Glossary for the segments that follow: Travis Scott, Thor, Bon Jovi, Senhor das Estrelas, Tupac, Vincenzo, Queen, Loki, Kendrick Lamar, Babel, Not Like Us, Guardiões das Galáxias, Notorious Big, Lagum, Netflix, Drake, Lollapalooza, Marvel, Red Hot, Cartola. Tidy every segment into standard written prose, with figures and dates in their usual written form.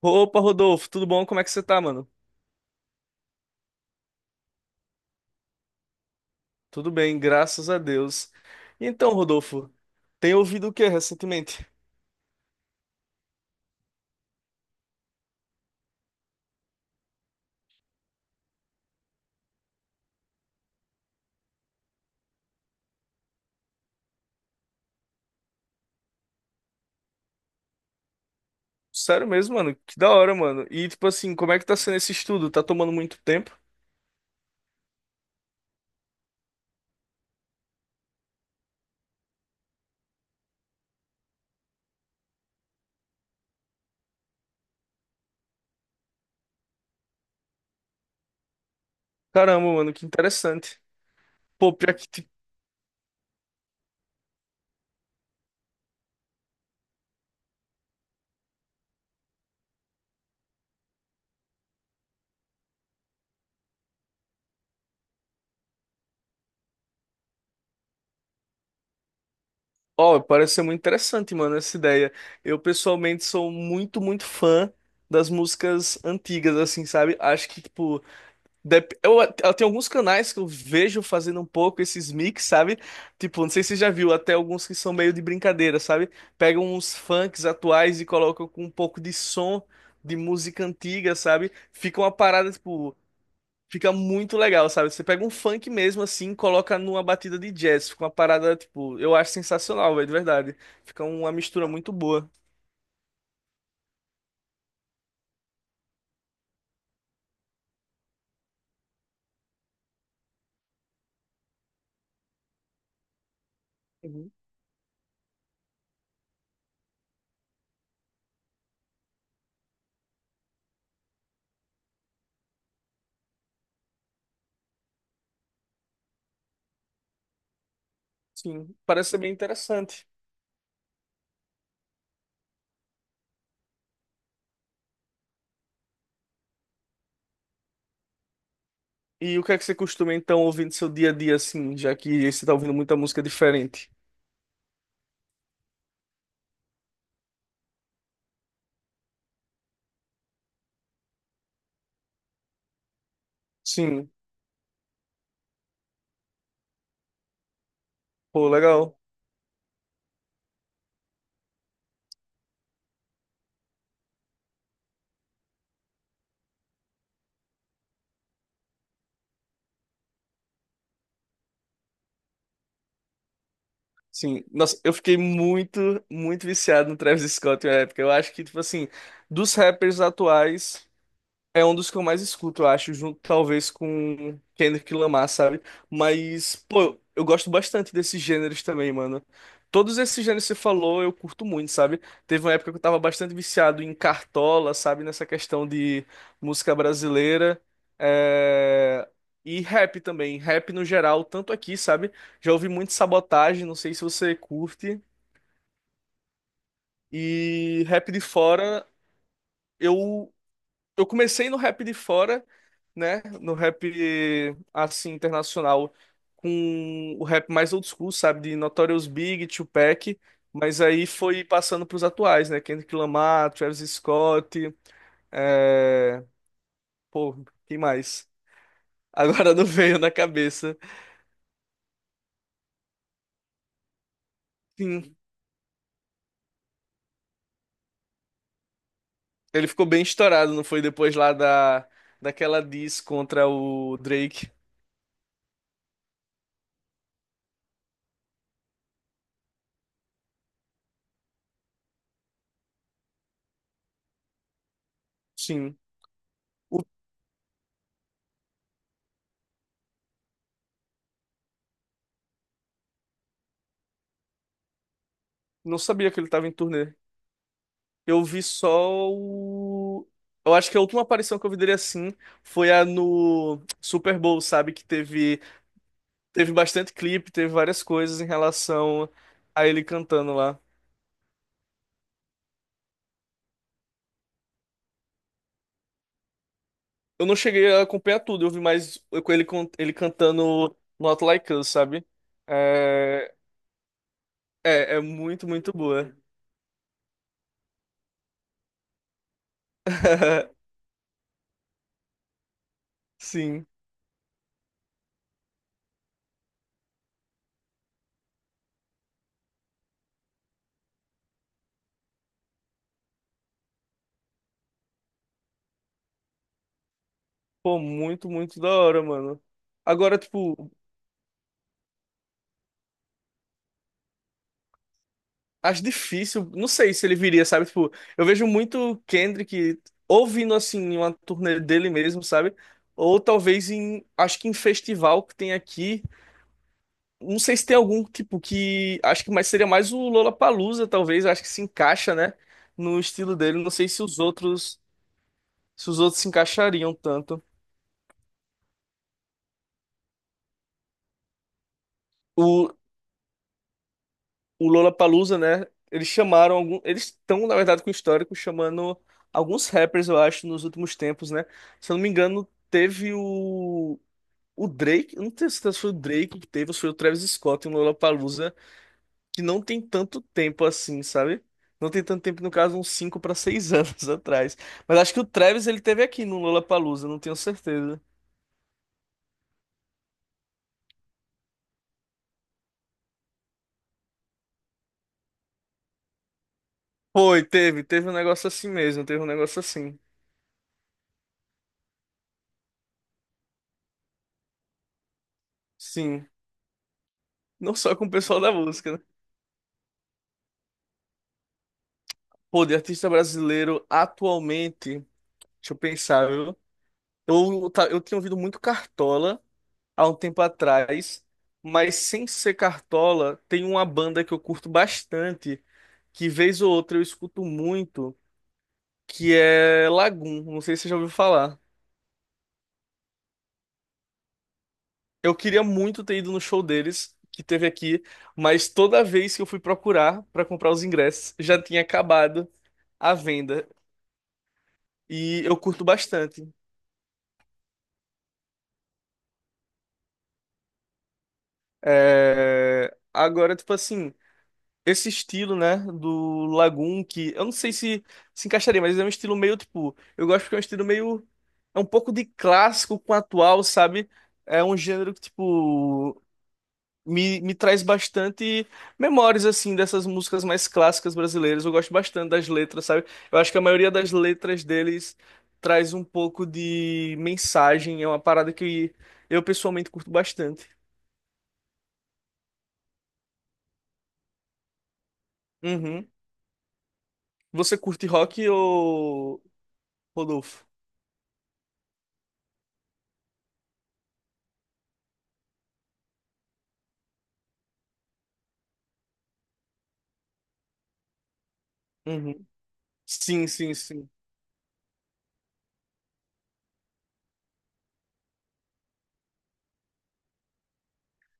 Opa, Rodolfo, tudo bom? Como é que você tá, mano? Tudo bem, graças a Deus. Então, Rodolfo, tem ouvido o que recentemente? Sério mesmo, mano? Que da hora, mano. E tipo assim, como é que tá sendo esse estudo? Tá tomando muito tempo? Caramba, mano, que interessante. Pô, pior que, tipo, ó, parece ser muito interessante, mano, essa ideia. Eu pessoalmente sou muito, muito fã das músicas antigas, assim, sabe? Acho que, tipo, eu tenho alguns canais que eu vejo fazendo um pouco esses mix, sabe? Tipo, não sei se você já viu, até alguns que são meio de brincadeira, sabe? Pegam uns funks atuais e colocam com um pouco de som de música antiga, sabe? Fica uma parada, tipo, fica muito legal, sabe? Você pega um funk mesmo assim, coloca numa batida de jazz, fica uma parada, tipo, eu acho sensacional, velho, de verdade. Fica uma mistura muito boa. Uhum. Sim, parece ser bem interessante. E o que é que você costuma então ouvir no seu dia a dia, assim, já que você tá ouvindo muita música diferente? Sim, pô, legal. Sim, nossa, eu fiquei muito, muito viciado no Travis Scott na época. Eu acho que, tipo assim, dos rappers atuais. É um dos que eu mais escuto, eu acho, junto talvez com Kendrick Lamar, sabe? Mas, pô, eu gosto bastante desses gêneros também, mano. Todos esses gêneros que você falou, eu curto muito, sabe? Teve uma época que eu tava bastante viciado em Cartola, sabe? Nessa questão de música brasileira. É, e rap também. Rap no geral, tanto aqui, sabe? Já ouvi muito Sabotagem, não sei se você curte. E rap de fora. Eu Eu comecei no rap de fora, né? No rap assim internacional, com o rap mais old school, sabe? De Notorious Big, Tupac, mas aí foi passando pros atuais, né? Kendrick Lamar, Travis Scott, é... pô, quem mais? Agora não veio na cabeça. Sim, ele ficou bem estourado, não foi depois lá da daquela diss contra o Drake. Sim. O- Não sabia que ele tava em turnê. Eu vi só o. Eu acho que a última aparição que eu vi dele assim foi a no Super Bowl, sabe? Que teve bastante clipe, teve várias coisas em relação a ele cantando lá. Eu não cheguei a acompanhar tudo, eu vi mais com ele, ele cantando Not Like Us, sabe? É, é, muito, muito boa. Sim. Pô, muito, muito da hora, mano. Agora, tipo, acho difícil, não sei se ele viria, sabe? Tipo, eu vejo muito Kendrick ouvindo assim uma turnê dele mesmo, sabe? Ou talvez em, acho que em festival que tem aqui. Não sei se tem algum tipo que acho que mais seria mais o Lollapalooza, talvez, acho que se encaixa, né, no estilo dele. Não sei se os outros se encaixariam tanto. O, o Lollapalooza, né? Eles chamaram algum, eles estão, na verdade, com o histórico chamando alguns rappers, eu acho, nos últimos tempos, né? Se eu não me engano, teve o Drake, eu não tenho certeza se foi o Drake que teve ou se foi o Travis Scott em Lollapalooza, que não tem tanto tempo assim, sabe? Não tem tanto tempo, no caso, uns 5 para 6 anos atrás. Mas acho que o Travis ele teve aqui no Lollapalooza, não tenho certeza. Foi, teve um negócio assim mesmo, teve um negócio assim. Sim, não só com o pessoal da música, né. Pô, de artista brasileiro atualmente, deixa eu pensar, viu? Eu tinha ouvido muito Cartola há um tempo atrás, mas sem ser Cartola, tem uma banda que eu curto bastante, que vez ou outra eu escuto muito, que é Lagum. Não sei se você já ouviu falar. Eu queria muito ter ido no show deles, que teve aqui, mas toda vez que eu fui procurar para comprar os ingressos, já tinha acabado a venda. E eu curto bastante. É, agora, tipo assim, esse estilo, né, do Lagoon, que eu não sei se se encaixaria, mas é um estilo meio, tipo, eu gosto porque é um estilo meio, é um pouco de clássico com atual, sabe? É um gênero que, tipo, me traz bastante memórias, assim, dessas músicas mais clássicas brasileiras. Eu gosto bastante das letras, sabe? Eu acho que a maioria das letras deles traz um pouco de mensagem, é uma parada que eu pessoalmente curto bastante. Uhum. Você curte rock ou Rodolfo? Uhum. Sim, sim, sim.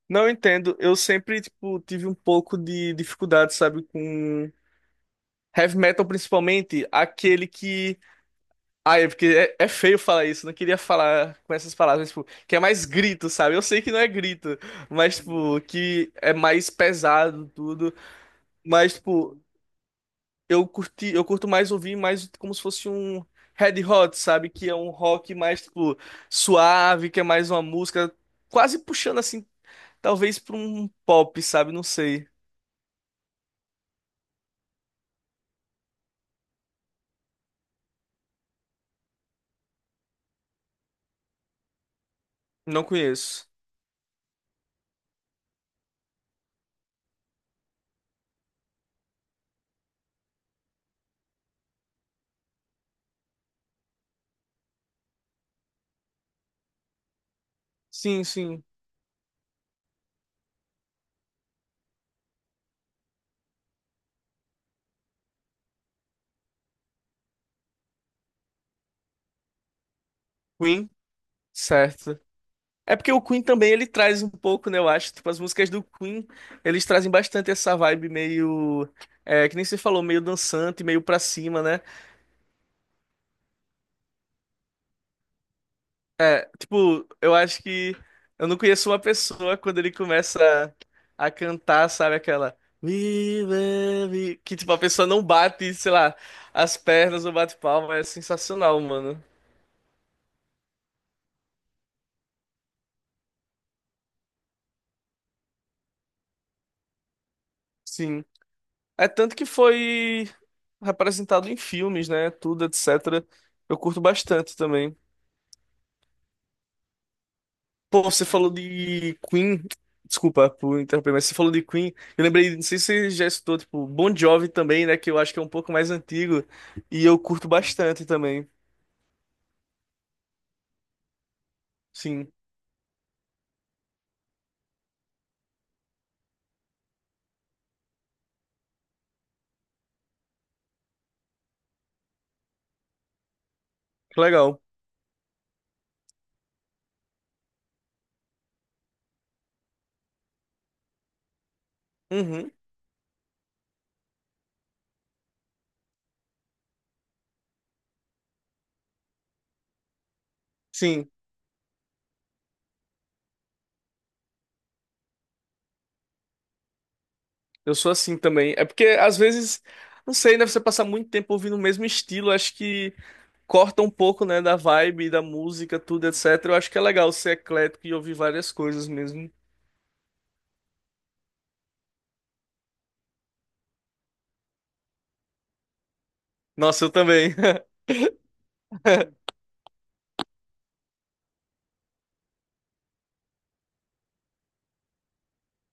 Não eu entendo. Eu sempre, tipo, tive um pouco de dificuldade, sabe, com heavy metal, principalmente aquele que. Ah, é porque é feio falar isso, não queria falar com essas palavras, tipo, que é mais grito, sabe? Eu sei que não é grito, mas, tipo, que é mais pesado tudo. Mas, tipo, eu curto mais ouvir mais como se fosse um Red Hot, sabe? Que é um rock mais, tipo, suave, que é mais uma música quase puxando, assim, talvez pra um pop, sabe? Não sei. Não conheço. Sim, sim. Queen, certo. É porque o Queen também, ele traz um pouco, né? Eu acho, tipo, as músicas do Queen, eles trazem bastante essa vibe meio. É, que nem você falou, meio dançante, meio pra cima, né? É, tipo, eu acho que eu não conheço uma pessoa quando ele começa a cantar, sabe, aquela We love you", que tipo a pessoa não bate, sei lá, as pernas ou bate palma, é sensacional, mano. Sim. É tanto que foi representado em filmes, né, tudo, etc. Eu curto bastante também. Pô, você falou de Queen. Desculpa por interromper, mas você falou de Queen. Eu lembrei, não sei se você já escutou, tipo, Bon Jovi também, né? Que eu acho que é um pouco mais antigo. E eu curto bastante também. Sim, que legal. Uhum, sim, eu sou assim também. É porque às vezes, não sei, né? Você passar muito tempo ouvindo o mesmo estilo, acho que corta um pouco, né? Da vibe, da música, tudo, etc. Eu acho que é legal ser eclético e ouvir várias coisas mesmo. Nossa, eu também.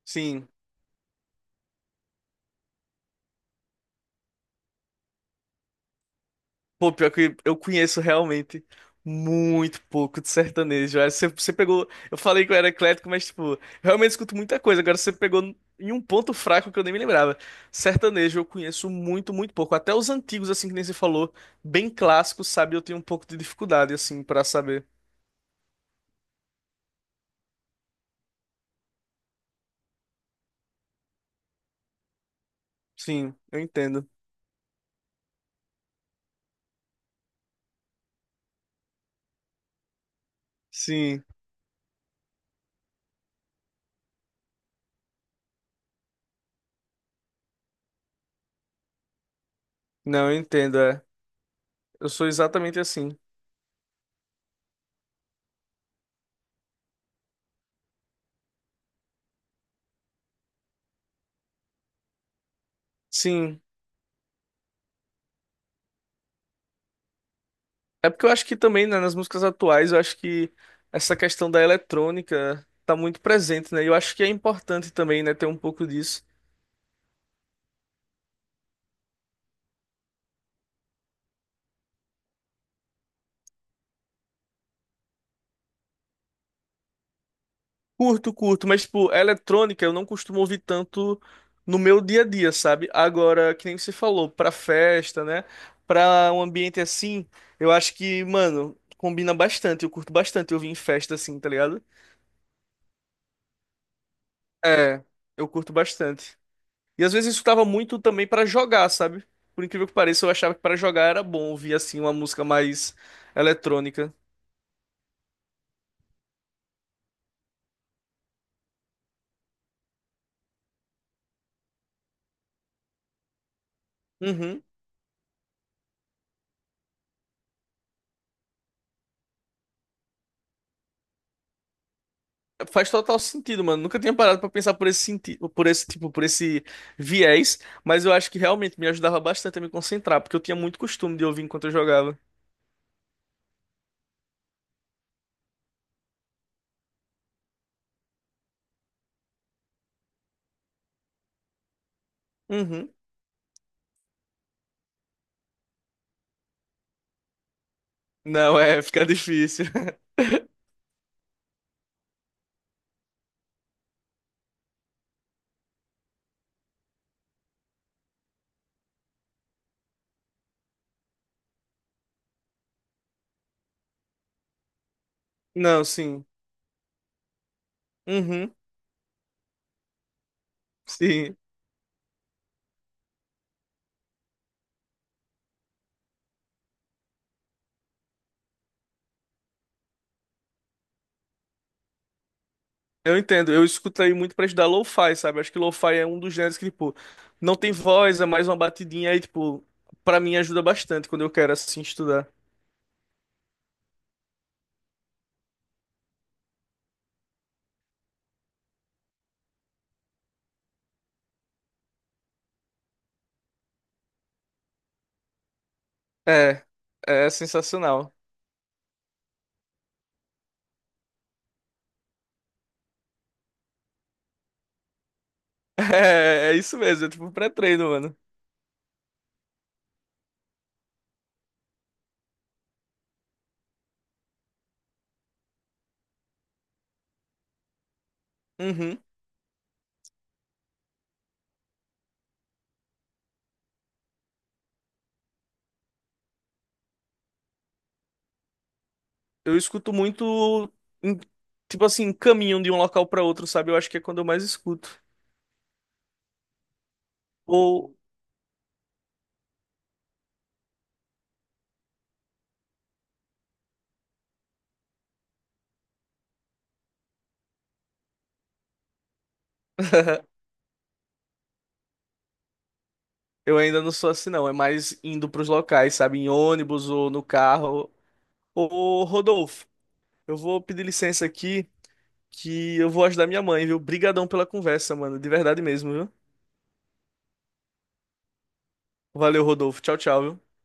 Sim. Pô, pior que eu conheço realmente muito pouco de sertanejo. Aí você pegou. Eu falei que eu era eclético, mas, tipo, eu realmente escuto muita coisa. Agora você pegou em um ponto fraco que eu nem me lembrava. Sertanejo eu conheço muito, muito pouco. Até os antigos, assim, que nem você falou, bem clássicos, sabe? Eu tenho um pouco de dificuldade, assim, pra saber. Sim, eu entendo. Sim, não, eu entendo, é. Eu sou exatamente assim. Sim. É porque eu acho que também, né, nas músicas atuais, eu acho que essa questão da eletrônica tá muito presente, né? Eu acho que é importante também, né, ter um pouco disso. Curto, curto, mas, tipo, eletrônica eu não costumo ouvir tanto no meu dia a dia, sabe? Agora, que nem você falou, pra festa, né? Pra um ambiente assim, eu acho que, mano, combina bastante. Eu curto bastante ouvir em festa assim, tá ligado? É, eu curto bastante. E às vezes eu escutava muito também pra jogar, sabe? Por incrível que pareça, eu achava que pra jogar era bom ouvir assim uma música mais eletrônica. Uhum. Faz total sentido, mano. Nunca tinha parado pra pensar por esse sentido, por esse tipo, por esse viés, mas eu acho que realmente me ajudava bastante a me concentrar, porque eu tinha muito costume de ouvir enquanto eu jogava. Uhum. Não, é, fica difícil. Não, sim. Uhum. Sim. Eu entendo, eu escutei muito pra estudar lo-fi, sabe? Acho que lo-fi é um dos gêneros que, tipo, não tem voz, é mais uma batidinha aí, tipo, pra mim ajuda bastante quando eu quero, assim, estudar. É, é sensacional. É, isso mesmo, é tipo pré-treino, mano. Uhum. Eu escuto muito, em- tipo assim, caminho de um local pra outro, sabe? Eu acho que é quando eu mais escuto. Ou eu ainda não sou assim, não, é mais indo pros locais, sabe? Em ônibus ou no carro. Ô, Rodolfo, eu vou pedir licença aqui. Que eu vou ajudar minha mãe, viu? Brigadão pela conversa, mano. De verdade mesmo, viu? Valeu, Rodolfo. Tchau, tchau, viu?